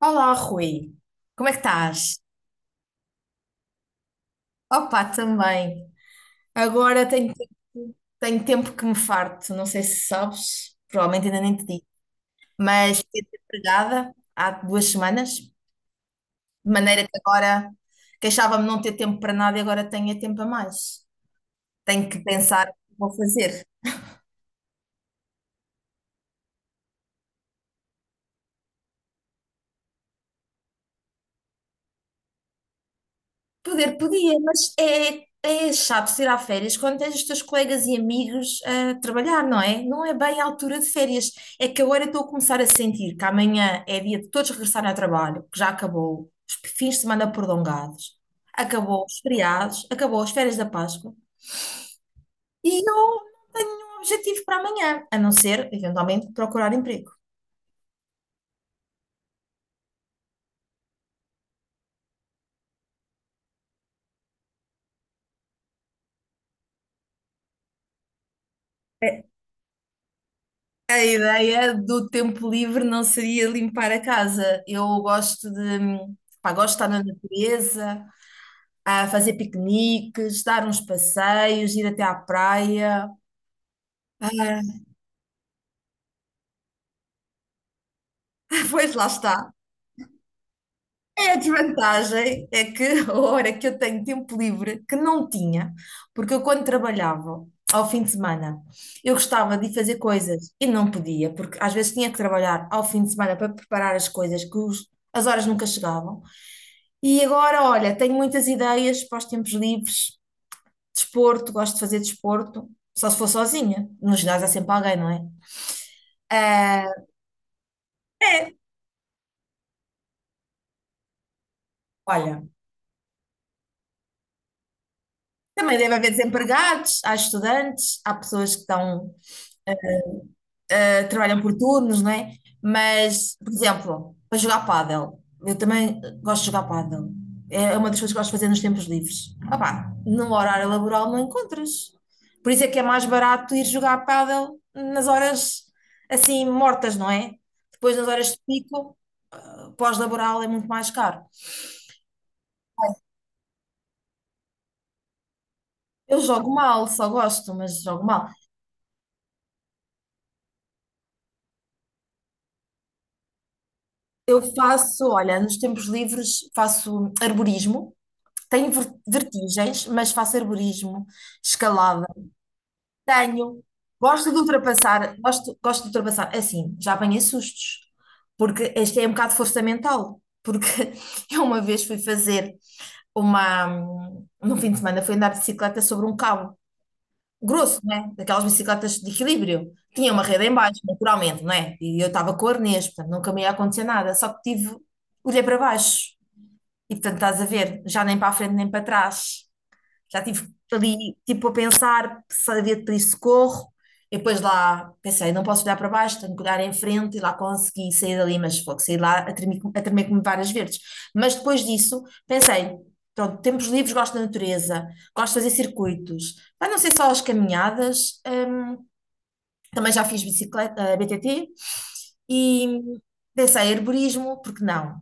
Olá, Rui. Como é que estás? Opa, também. Agora tenho tempo que me farto. Não sei se sabes, provavelmente ainda nem te digo, mas fiquei desempregada há 2 semanas, de maneira que agora queixava-me não ter tempo para nada e agora tenho é tempo a mais. Tenho que pensar o que vou fazer. Poder podia, mas é chato ir a férias quando tens os teus colegas e amigos a trabalhar, não é? Não é bem a altura de férias. É que agora eu estou a começar a sentir que amanhã é dia de todos regressarem ao trabalho, que já acabou os fins de semana prolongados, acabou os feriados, acabou as férias da Páscoa e eu não tenho nenhum objetivo para amanhã, a não ser, eventualmente, procurar emprego. A ideia do tempo livre não seria limpar a casa. Eu gosto de, pá, gosto de estar na natureza, a fazer piqueniques, dar uns passeios, ir até à praia. Ah, pois lá está. É a desvantagem é que a hora que eu tenho tempo livre, que não tinha, porque eu quando trabalhava ao fim de semana, eu gostava de ir fazer coisas e não podia, porque às vezes tinha que trabalhar ao fim de semana para preparar as coisas que as horas nunca chegavam. E agora, olha, tenho muitas ideias para os tempos livres, desporto, gosto de fazer desporto, só se for sozinha. No ginásio há sempre alguém, não é? Ah, é, olha, também deve haver desempregados, há estudantes, há pessoas que estão, ah, trabalham por turnos, não é? Mas, por exemplo, para jogar pádel, eu também gosto de jogar pádel. É uma das coisas que gosto de fazer nos tempos livres. Ah, opá, no horário laboral não encontras. Por isso é que é mais barato ir jogar pádel nas horas assim mortas, não é? Depois, nas horas de pico, pós-laboral é muito mais caro. Eu jogo mal, só gosto, mas jogo mal. Eu faço, olha, nos tempos livres faço arborismo. Tenho vertigens, mas faço arborismo, escalada. Tenho. Gosto de ultrapassar, gosto de ultrapassar. É assim, já apanhei sustos, porque este é um bocado de força mental. Porque eu uma vez fui fazer uma. Num fim de semana fui andar de bicicleta sobre um cabo grosso, né? Daquelas bicicletas de equilíbrio. Tinha uma rede em baixo, naturalmente, não é? E eu estava com o arnês, portanto, nunca me ia acontecer nada. Só que tive, olhei para baixo e, portanto, estás a ver, já nem para a frente nem para trás. Já estive ali, tipo, a pensar se havia de pedir socorro. E depois lá pensei, não posso olhar para baixo, tenho que olhar em frente e lá consegui sair dali, mas fogo, saí lá a tremer como várias verdes. Mas depois disso pensei, pronto, tempos livres, gosto da natureza, gosto de fazer circuitos. Mas não ser só as caminhadas, também já fiz bicicleta, BTT e pensei, herborismo, porque não?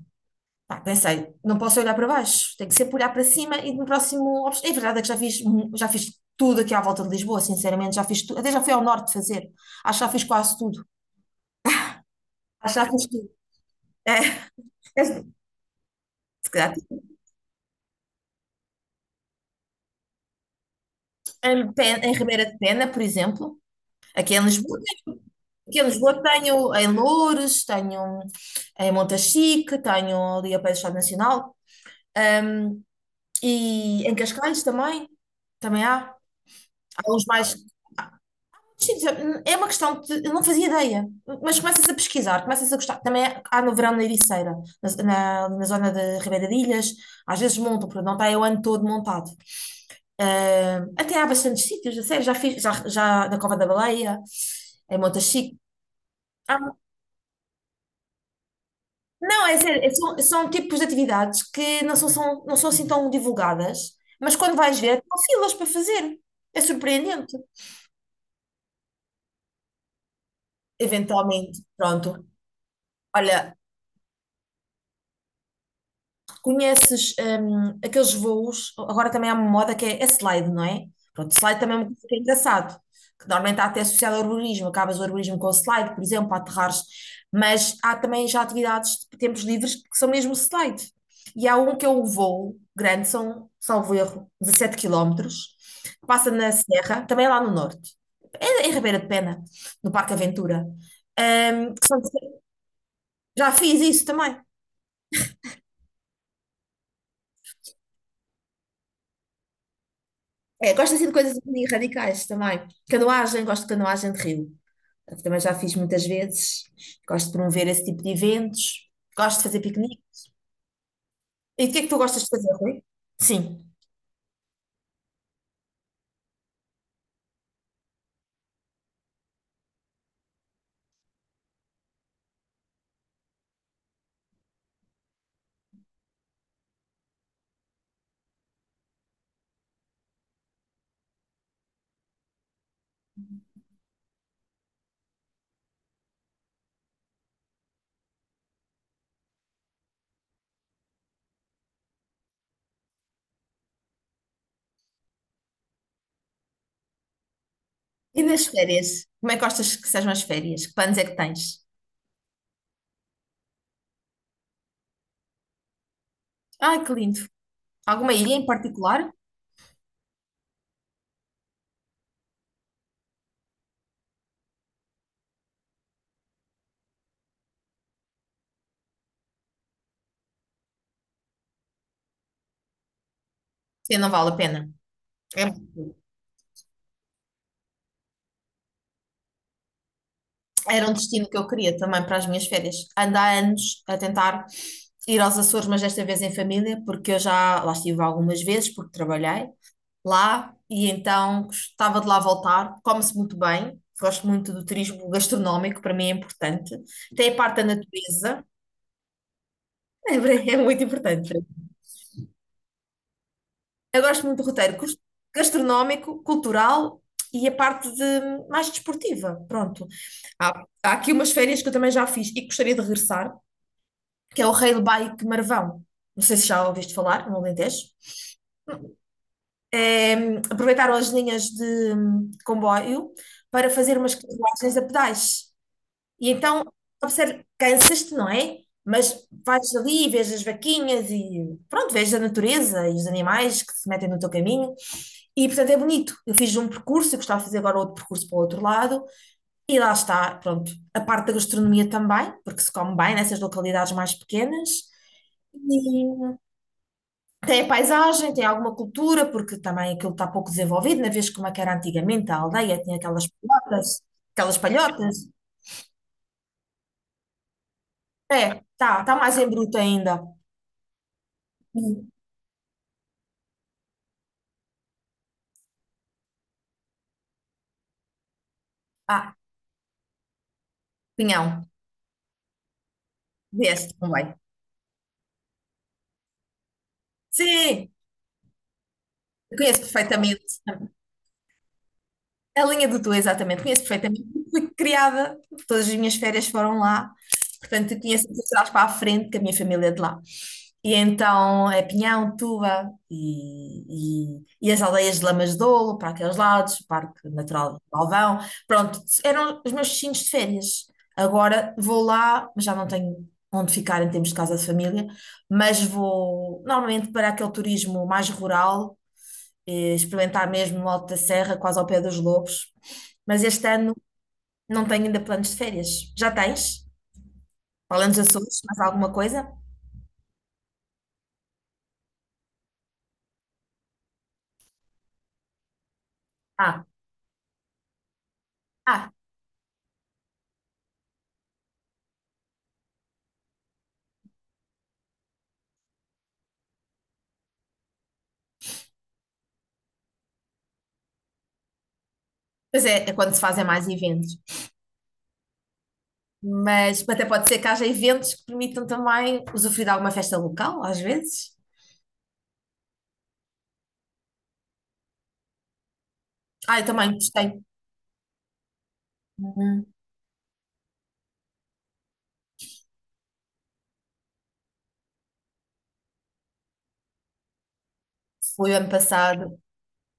Pá, pensei, não posso olhar para baixo, tenho que sempre olhar para cima e no próximo. É verdade é que já fiz, já fiz tudo aqui à volta de Lisboa, sinceramente, já fiz tudo, até já fui ao norte fazer, acho que já fiz quase tudo, acho que já fiz tudo. É, se calhar, em Ribeira de Pena, por exemplo, aqui em Lisboa, aqui em Lisboa tenho em Loures, tenho em Montachique, tenho ali a pé do Estado Nacional e em Cascais também, também há, há uns mais, sim, é uma questão que eu não fazia ideia. Mas começas a pesquisar, começas a gostar. Também há no verão na Ericeira, na zona de Ribeira de Ilhas. Às vezes montam, porque não está aí o ano todo montado. Ah, até há bastantes sítios, a sério. Já fiz, já na Cova da Baleia, em Montachique. Ah, não, é sério. São tipos de atividades que não não são assim tão divulgadas, mas quando vais ver, há filas para fazer. É surpreendente. Eventualmente, pronto. Olha, conheces aqueles voos, agora também há uma moda que é slide, não é? Pronto, slide também é uma coisa que é engraçado, que normalmente está até associado ao urbanismo, acabas o urbanismo com o slide, por exemplo, para aterrares, mas há também já atividades de tempos livres que são mesmo slide. E há um que é o voo grande, são, salvo erro, 17 quilómetros, passa na Serra, também é lá no norte, é em Ribeira de Pena, no Parque Aventura. Hum, que são- já fiz isso também. É, gosto assim de coisas um bocadinho radicais também. Canoagem, gosto de canoagem de rio. Também já fiz muitas vezes. Gosto de promover esse tipo de eventos. Gosto de fazer piquenique. E o que é que tu gostas de fazer, Rui? Sim. E nas férias? Como é que gostas que sejam as férias? Que planos é que tens? Ai, que lindo. Alguma ilha em particular? Sim, não vale a pena. É muito lindo. Era um destino que eu queria também para as minhas férias. Ando há anos a tentar ir aos Açores, mas desta vez em família, porque eu já lá estive algumas vezes, porque trabalhei lá e então gostava de lá voltar. Come-se muito bem, gosto muito do turismo gastronómico, para mim é importante. Tem a parte da natureza, é, é muito importante. Eu gosto muito do roteiro gastronómico, cultural e a parte de, mais desportiva. Pronto. Há aqui umas férias que eu também já fiz e que gostaria de regressar, que é o Rei do Baique Marvão. Não sei se já ouviste falar, no Alentejo. É, aproveitaram as linhas de comboio para fazer umas carruagens a pedais. E então, observa, cansas-te, não é? Mas vais ali e vês as vaquinhas e pronto, vês a natureza e os animais que se metem no teu caminho. E portanto é bonito. Eu fiz um percurso, eu gostava de fazer agora outro percurso para o outro lado. E lá está, pronto, a parte da gastronomia também, porque se come bem nessas localidades mais pequenas. E tem a paisagem, tem alguma cultura, porque também aquilo está pouco desenvolvido, na vez como é que era antigamente a aldeia, tinha aquelas palhotas, aquelas palhotas. É, está tá mais em bruto ainda. Sim. Ah, Pinhão. Vieste, não vai. Sim, eu conheço perfeitamente. A linha do Tu, exatamente, conheço perfeitamente, fui criada, todas as minhas férias foram lá, portanto, eu conheço de trás para a frente, que a minha família é de lá. E então é Pinhão, Tuba e as aldeias de Lamas de Douro, para aqueles lados, o Parque Natural de Galvão. Pronto, eram os meus destinos de férias. Agora vou lá, mas já não tenho onde ficar em termos de casa de família, mas vou normalmente para aquele turismo mais rural, experimentar mesmo o Alto da Serra, quase ao pé dos Lobos. Mas este ano não tenho ainda planos de férias. Já tens? Falando dos Açores, mais alguma coisa? Ah, ah, pois é, quando se fazem mais eventos. Mas até pode ser que haja eventos que permitam também usufruir de alguma festa local, às vezes. Ah, eu também gostei. Uhum. Fui ano passado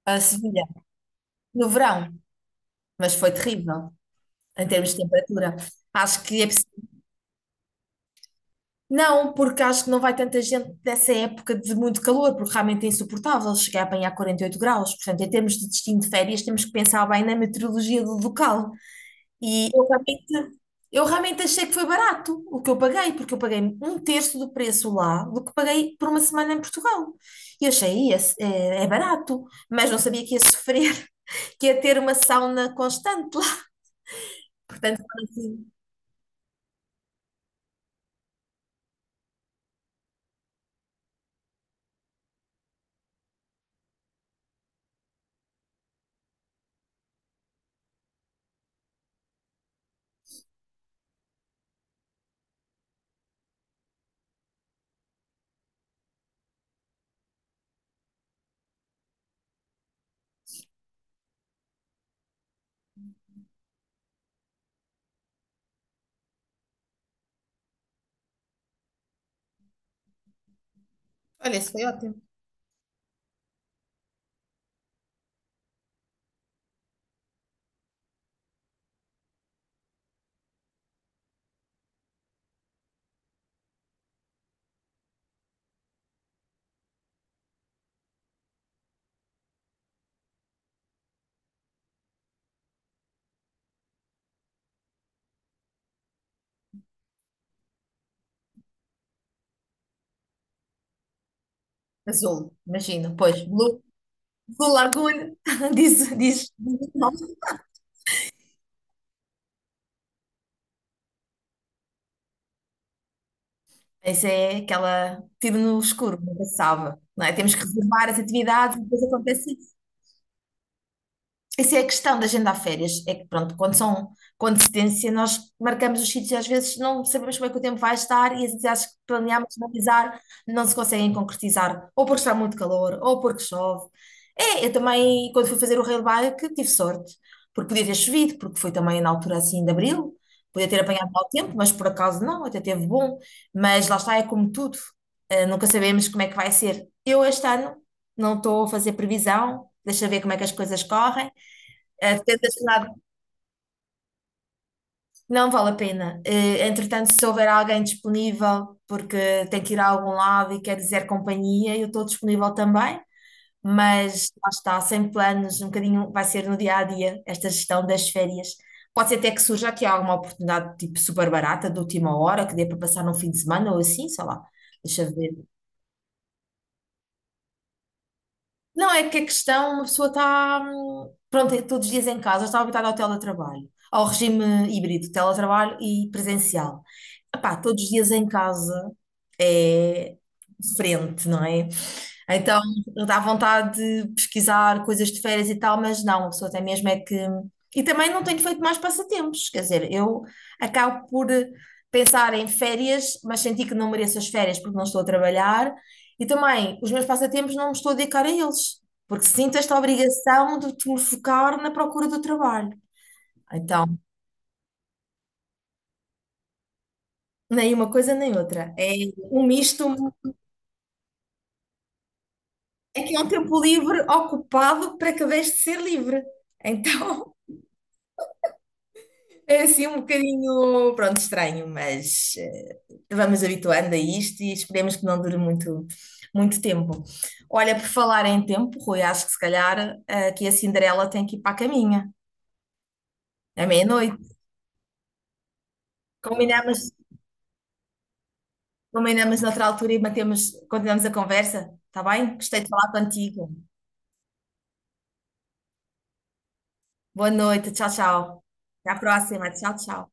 a Sevilha, no verão, mas foi terrível em termos de temperatura. Acho que é Não, porque acho que não vai tanta gente dessa época de muito calor, porque realmente é insuportável chegar a apanhar 48 graus. Portanto, em termos de destino de férias, temos que pensar bem na meteorologia do local. E eu realmente achei que foi barato o que eu paguei, porque eu paguei um terço do preço lá do que paguei por uma semana em Portugal. E eu achei: "É barato, mas não sabia que ia sofrer, que ia ter uma sauna constante lá." Portanto, foi assim. Olha, isso foi ótimo. Azul, imagino. Pois, blue do Laguna, diz, diz, essa é aquela tiro no escuro, nunca se salva, não é? Temos que reservar as atividades, depois acontece. Essa é a questão da agenda a férias. É que, pronto, quando são com antecedência, nós marcamos os sítios e às vezes não sabemos como é que o tempo vai estar e as atividades que planeámos realizar não se conseguem concretizar, ou porque está muito calor, ou porque chove. É, eu também, quando fui fazer o rail bike, tive sorte, porque podia ter chovido, porque foi também na altura assim de abril, podia ter apanhado mau tempo, mas por acaso não, até teve bom. Mas lá está, é como tudo, nunca sabemos como é que vai ser. Eu este ano não estou a fazer previsão, deixa ver como é que as coisas correm. É, tenta esse lado. Não vale a pena. Entretanto, se houver alguém disponível, porque tem que ir a algum lado e quer dizer companhia, eu estou disponível também, mas lá está, sem planos, um bocadinho vai ser no dia a dia esta gestão das férias. Pode ser até que surja aqui alguma oportunidade tipo super barata, de última hora, que dê para passar num fim de semana ou assim, sei lá. Deixa eu ver. Não, é que a questão, uma pessoa está, pronto, é todos os dias em casa, está habituada ao teletrabalho, ao regime híbrido, teletrabalho e presencial. Epá, todos os dias em casa é diferente, não é? Então, dá vontade de pesquisar coisas de férias e tal, mas não, a pessoa tem mesmo é que. E também não tenho feito mais passatempos, quer dizer, eu acabo por pensar em férias, mas senti que não mereço as férias porque não estou a trabalhar, e também os meus passatempos não me estou a dedicar a eles, porque sinto esta obrigação de te me focar na procura do trabalho. Então, nem uma coisa nem outra. É um misto, é que é um tempo livre ocupado para que deixe de ser livre. Então. É assim um bocadinho, pronto, estranho, mas vamos habituando a isto e esperemos que não dure muito, muito tempo. Olha, por falar em tempo, Rui, acho que se calhar aqui a Cinderela tem que ir para a caminha, é meia-noite. Combinamos, combinamos noutra altura e mantemos, continuamos a conversa, está bem? Gostei de falar contigo. Boa noite, tchau, tchau. Até à próxima, tchau, tchau.